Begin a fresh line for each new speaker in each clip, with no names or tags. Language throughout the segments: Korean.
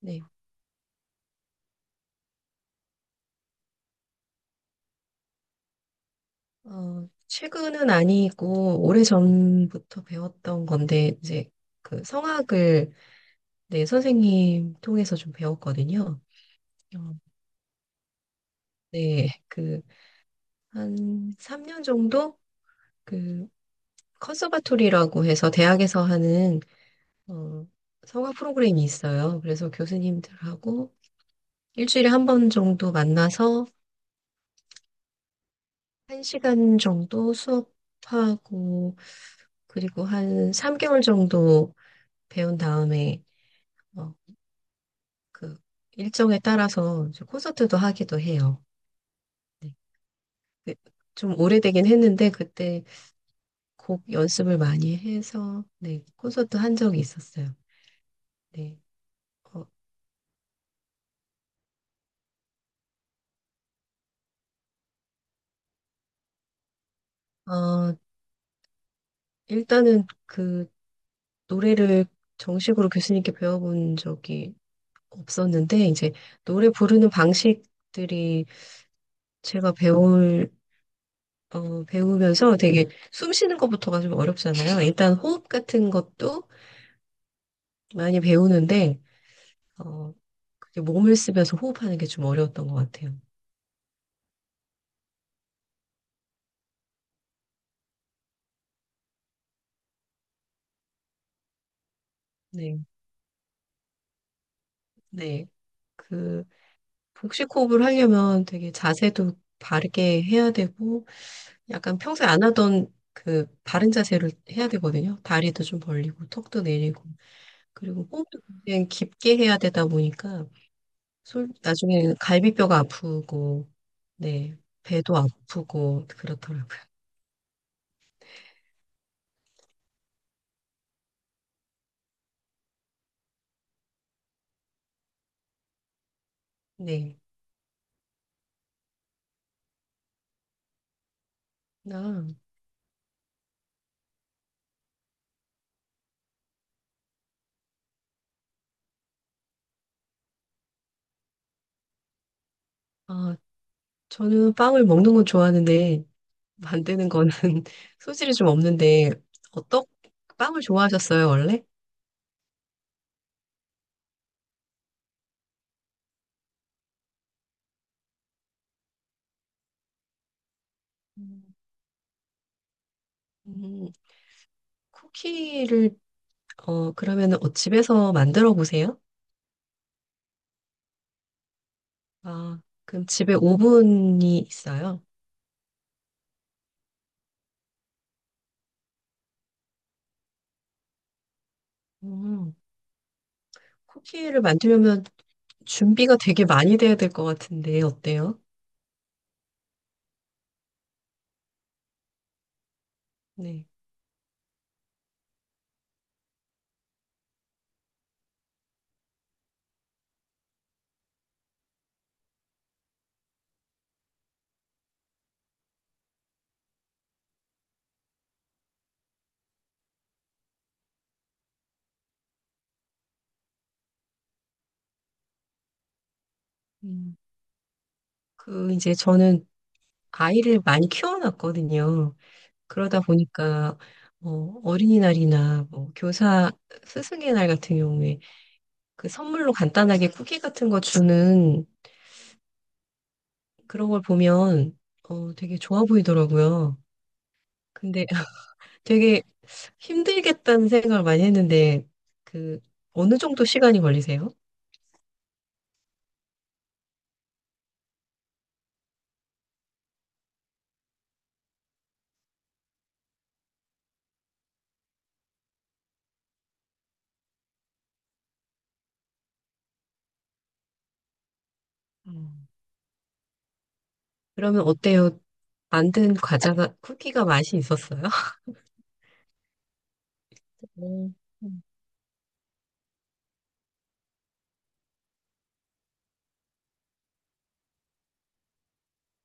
네. 최근은 아니고 오래전부터 배웠던 건데 이제 그 성악을 네, 선생님 통해서 좀 배웠거든요. 어, 네. 한 3년 정도 그 컨서바토리라고 해서 대학에서 하는 어, 성악 프로그램이 있어요. 그래서 교수님들하고 일주일에 한 번 정도 만나서 한시간 정도 수업하고 그리고 한 3개월 정도 배운 다음에 어, 그 일정에 따라서 이제 콘서트도 하기도 해요. 네. 그- 좀 오래되긴 했는데 그때 곡 연습을 많이 해서 네, 콘서트 한 적이 있었어요. 네. 어, 어, 일단은 노래를 정식으로 교수님께 배워본 적이 없었는데 이제 노래 부르는 방식들이 제가 배울 배우면서 되게 숨 쉬는 것부터가 좀 어렵잖아요. 일단 호흡 같은 것도 많이 배우는데 어, 그게 몸을 쓰면서 호흡하는 게 좀 어려웠던 것 같아요. 네, 네. 그, 복식 호흡을 하려면 되게 자세도 바르게 해야 되고, 약간 평소에 안 하던 그 바른 자세를 해야 되거든요. 다리도 좀 벌리고, 턱도 내리고, 그리고 호흡도 굉장히 깊게 해야 되다 보니까, 나중에는 갈비뼈가 아프고, 네, 배도 아프고, 그렇더라고요. 네. 아, 아, 저는 빵을 먹는 건 좋아하는데, 만드는 거는 소질이 좀 없는데 어떤 빵을 좋아하셨어요, 원래? 음. 음, 쿠키를 그러면은 집에서 만들어 보세요. 아, 그럼 집에 오븐이 있어요. 음, 쿠키를 만들려면 준비가 되게 많이 돼야 될 것 같은데 어때요? 네. 음. 저는 아이를 많이 키워놨거든요. 그러다 보니까 어, 어린이날이나 뭐 교사 스승의 날 같은 경우에 그 선물로 간단하게 쿠키 같은 거 주는 그런 걸 보면 되게 좋아 보이더라고요. 근데 되게 힘들겠다는 생각을 많이 했는데 그 어느 정도 시간이 걸리세요? 음. 그러면 어때요? 만든 과자가 쿠키가 맛이 있었어요? 오, 음.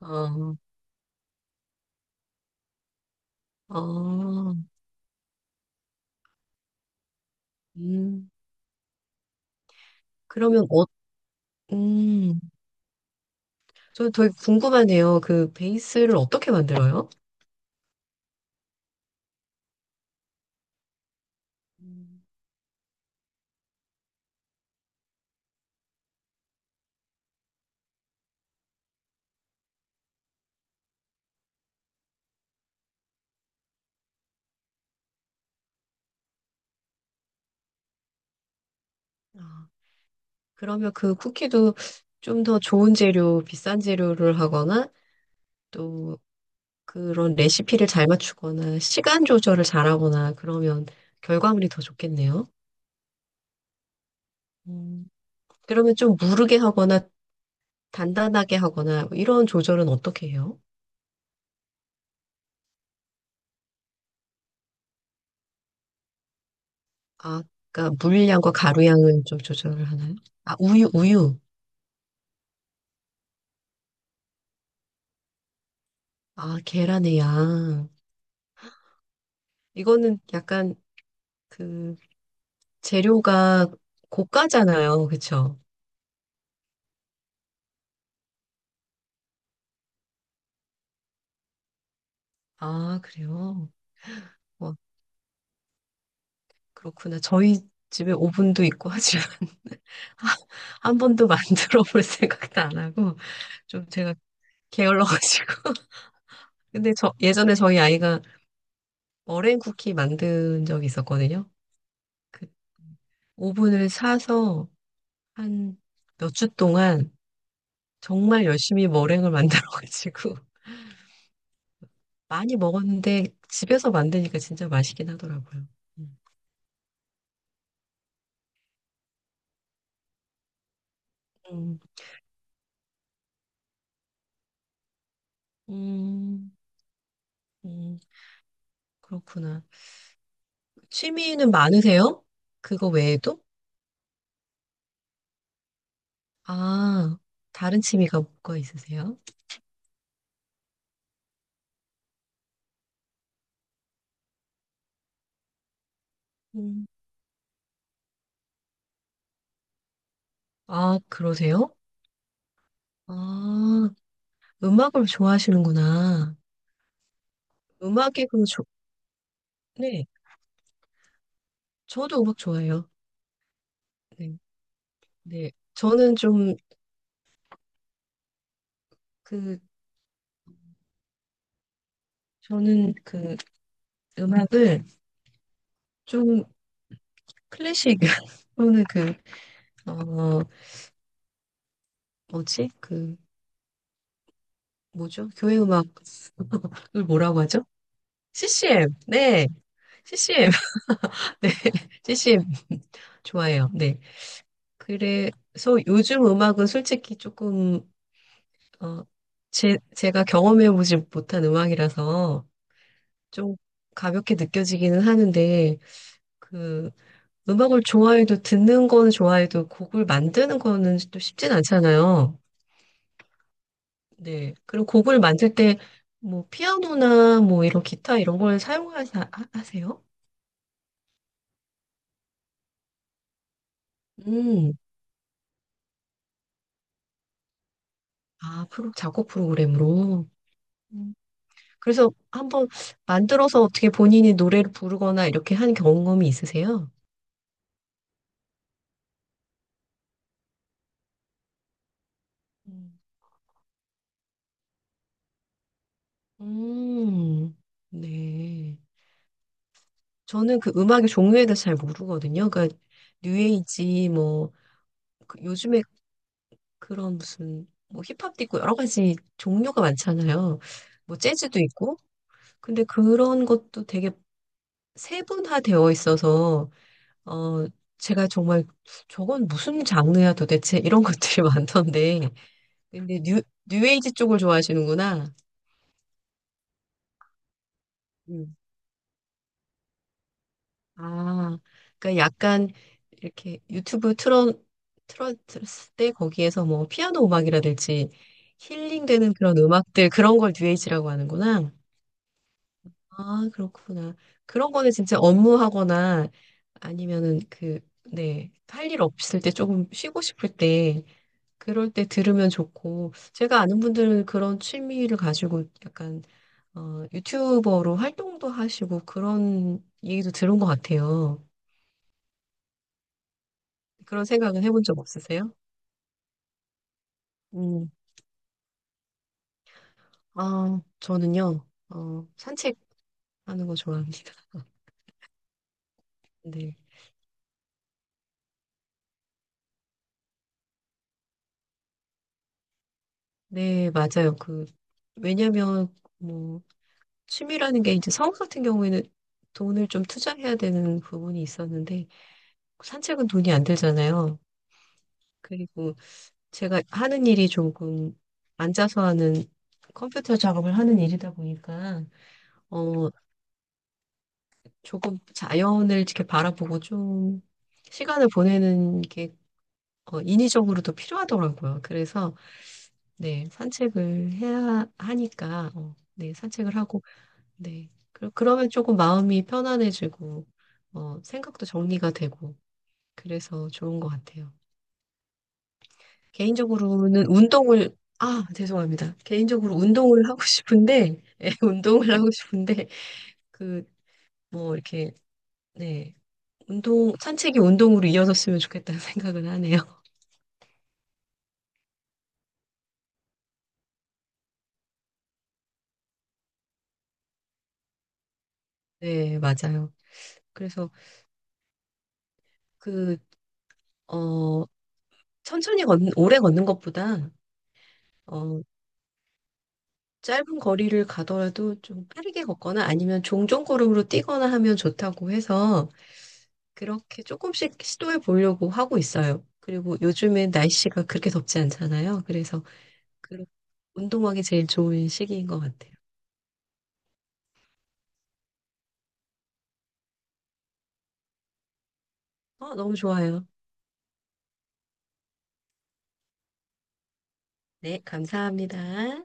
어, 어, 음, 그러면, 음, 저는 되게 궁금하네요. 그 베이스를 어떻게 만들어요? 음. 아. 그러면 그 쿠키도 좀 더 좋은 재료, 비싼 재료를 하거나 또 그런 레시피를 잘 맞추거나 시간 조절을 잘하거나 그러면 결과물이 더 좋겠네요. 음, 그러면 좀 무르게 하거나 단단하게 하거나 뭐 이런 조절은 어떻게 해요? 아, 그러니까 물량과 가루 양을 좀 조절을 하나요? 아, 우유, 우유. 아, 계란의 양. 이거는 약간 그 재료가 고가잖아요. 그쵸? 아, 그래요? 그렇구나. 저희 집에 오븐도 있고 하지만 아, 한 번도 만들어 볼 생각도 안 하고 좀 제가 게을러가지고. 근데 저 예전에 저희 아이가 머랭 쿠키 만든 적이 있었거든요. 그 오븐을 사서 한 몇 주 동안 정말 열심히 머랭을 만들어가지고 많이 먹었는데 집에서 만드니까 진짜 맛있긴 하더라고요. 음, 음, 음, 음, 그렇구나. 취미는 많으세요? 그거 외에도? 아, 다른 취미가 뭐가 있으세요? 음. 아, 그러세요? 아, 음악을 좋아하시는구나. 음악이 그럼 좋, 네. 저도 음악 좋아해요. 네. 네. 그, 저는 음악을 좀 클래식, 또는 그, 어, 뭐지? 그, 뭐죠? 교회 음악을 뭐라고 하죠? CCM. 네. CCM. 네, CCM 좋아해요. 네. 그래서 요즘 음악은 솔직히 조금 어, 제가 경험해보지 못한 음악이라서 좀 가볍게 느껴지기는 하는데 그 음악을 좋아해도 듣는 거는 좋아해도 곡을 만드는 거는 또 쉽진 않잖아요. 네. 그리고 곡을 만들 때 뭐 피아노나 뭐 이런 기타 이런 걸 사용하세요? 음. 아, 프로 작곡 프로그램으로. 그래서 한번 만들어서 어떻게 본인이 노래를 부르거나 이렇게 한 경험이 있으세요? 음. 음, 네. 저는 그 음악의 종류에 대해서 잘 모르거든요. 그러니까 뉴에이지 요즘에 그런 무슨 뭐 힙합도 있고 여러 가지 종류가 많잖아요. 뭐 재즈도 있고. 근데 그런 것도 되게 세분화되어 있어서 어 제가 정말 저건 무슨 장르야 도대체 이런 것들이 많던데 근데 뉴에이지 쪽을 좋아하시는구나. 음. 아, 그러니까 약간 이렇게 유튜브 틀어 틀었을 때 거기에서 뭐 피아노 음악이라든지 힐링되는 그런 음악들 그런 걸 뉴에이지라고 하는구나. 아, 그렇구나. 그런 거는 진짜 업무하거나 아니면은 그, 네, 할 일 없을 때 조금 쉬고 싶을 때 그럴 때 들으면 좋고 제가 아는 분들은 그런 취미를 가지고 약간 유튜버로 활동도 하시고 그런 얘기도 들은 것 같아요. 그런 생각은 해본 적 없으세요? 음, 아, 저는요, 산책하는 거 좋아합니다. 네, 네, 맞아요. 왜냐면, 뭐, 취미라는 게 이제 성우 같은 경우에는 돈을 좀 투자해야 되는 부분이 있었는데, 산책은 돈이 안 들잖아요. 그리고 제가 하는 일이 조금 앉아서 하는 컴퓨터 작업을 하는 일이다 보니까, 어, 조금 자연을 이렇게 바라보고 좀 시간을 보내는 게 인위적으로도 필요하더라고요. 그래서 네, 산책을 해야 하니까 네, 산책을 하고 네. 그러면 조금 마음이 편안해지고 생각도 정리가 되고 그래서 좋은 것 같아요. 개인적으로는 운동을 아, 죄송합니다. 개인적으로 운동을 하고 싶은데 예, 운동을 하고 싶은데 그 뭐 이렇게 네. 운동, 산책이 운동으로 이어졌으면 좋겠다는 생각은 하네요. 네, 맞아요. 그래서 그, 어, 천천히 걷는, 오래 걷는 것보다, 어, 짧은 거리를 가더라도 좀 빠르게 걷거나 아니면 종종 걸음으로 뛰거나 하면 좋다고 해서 그렇게 조금씩 시도해 보려고 하고 있어요. 그리고 요즘엔 날씨가 그렇게 덥지 않잖아요. 그래서 그 운동하기 제일 좋은 시기인 것 같아요. 어, 너무 좋아요. 네, 감사합니다.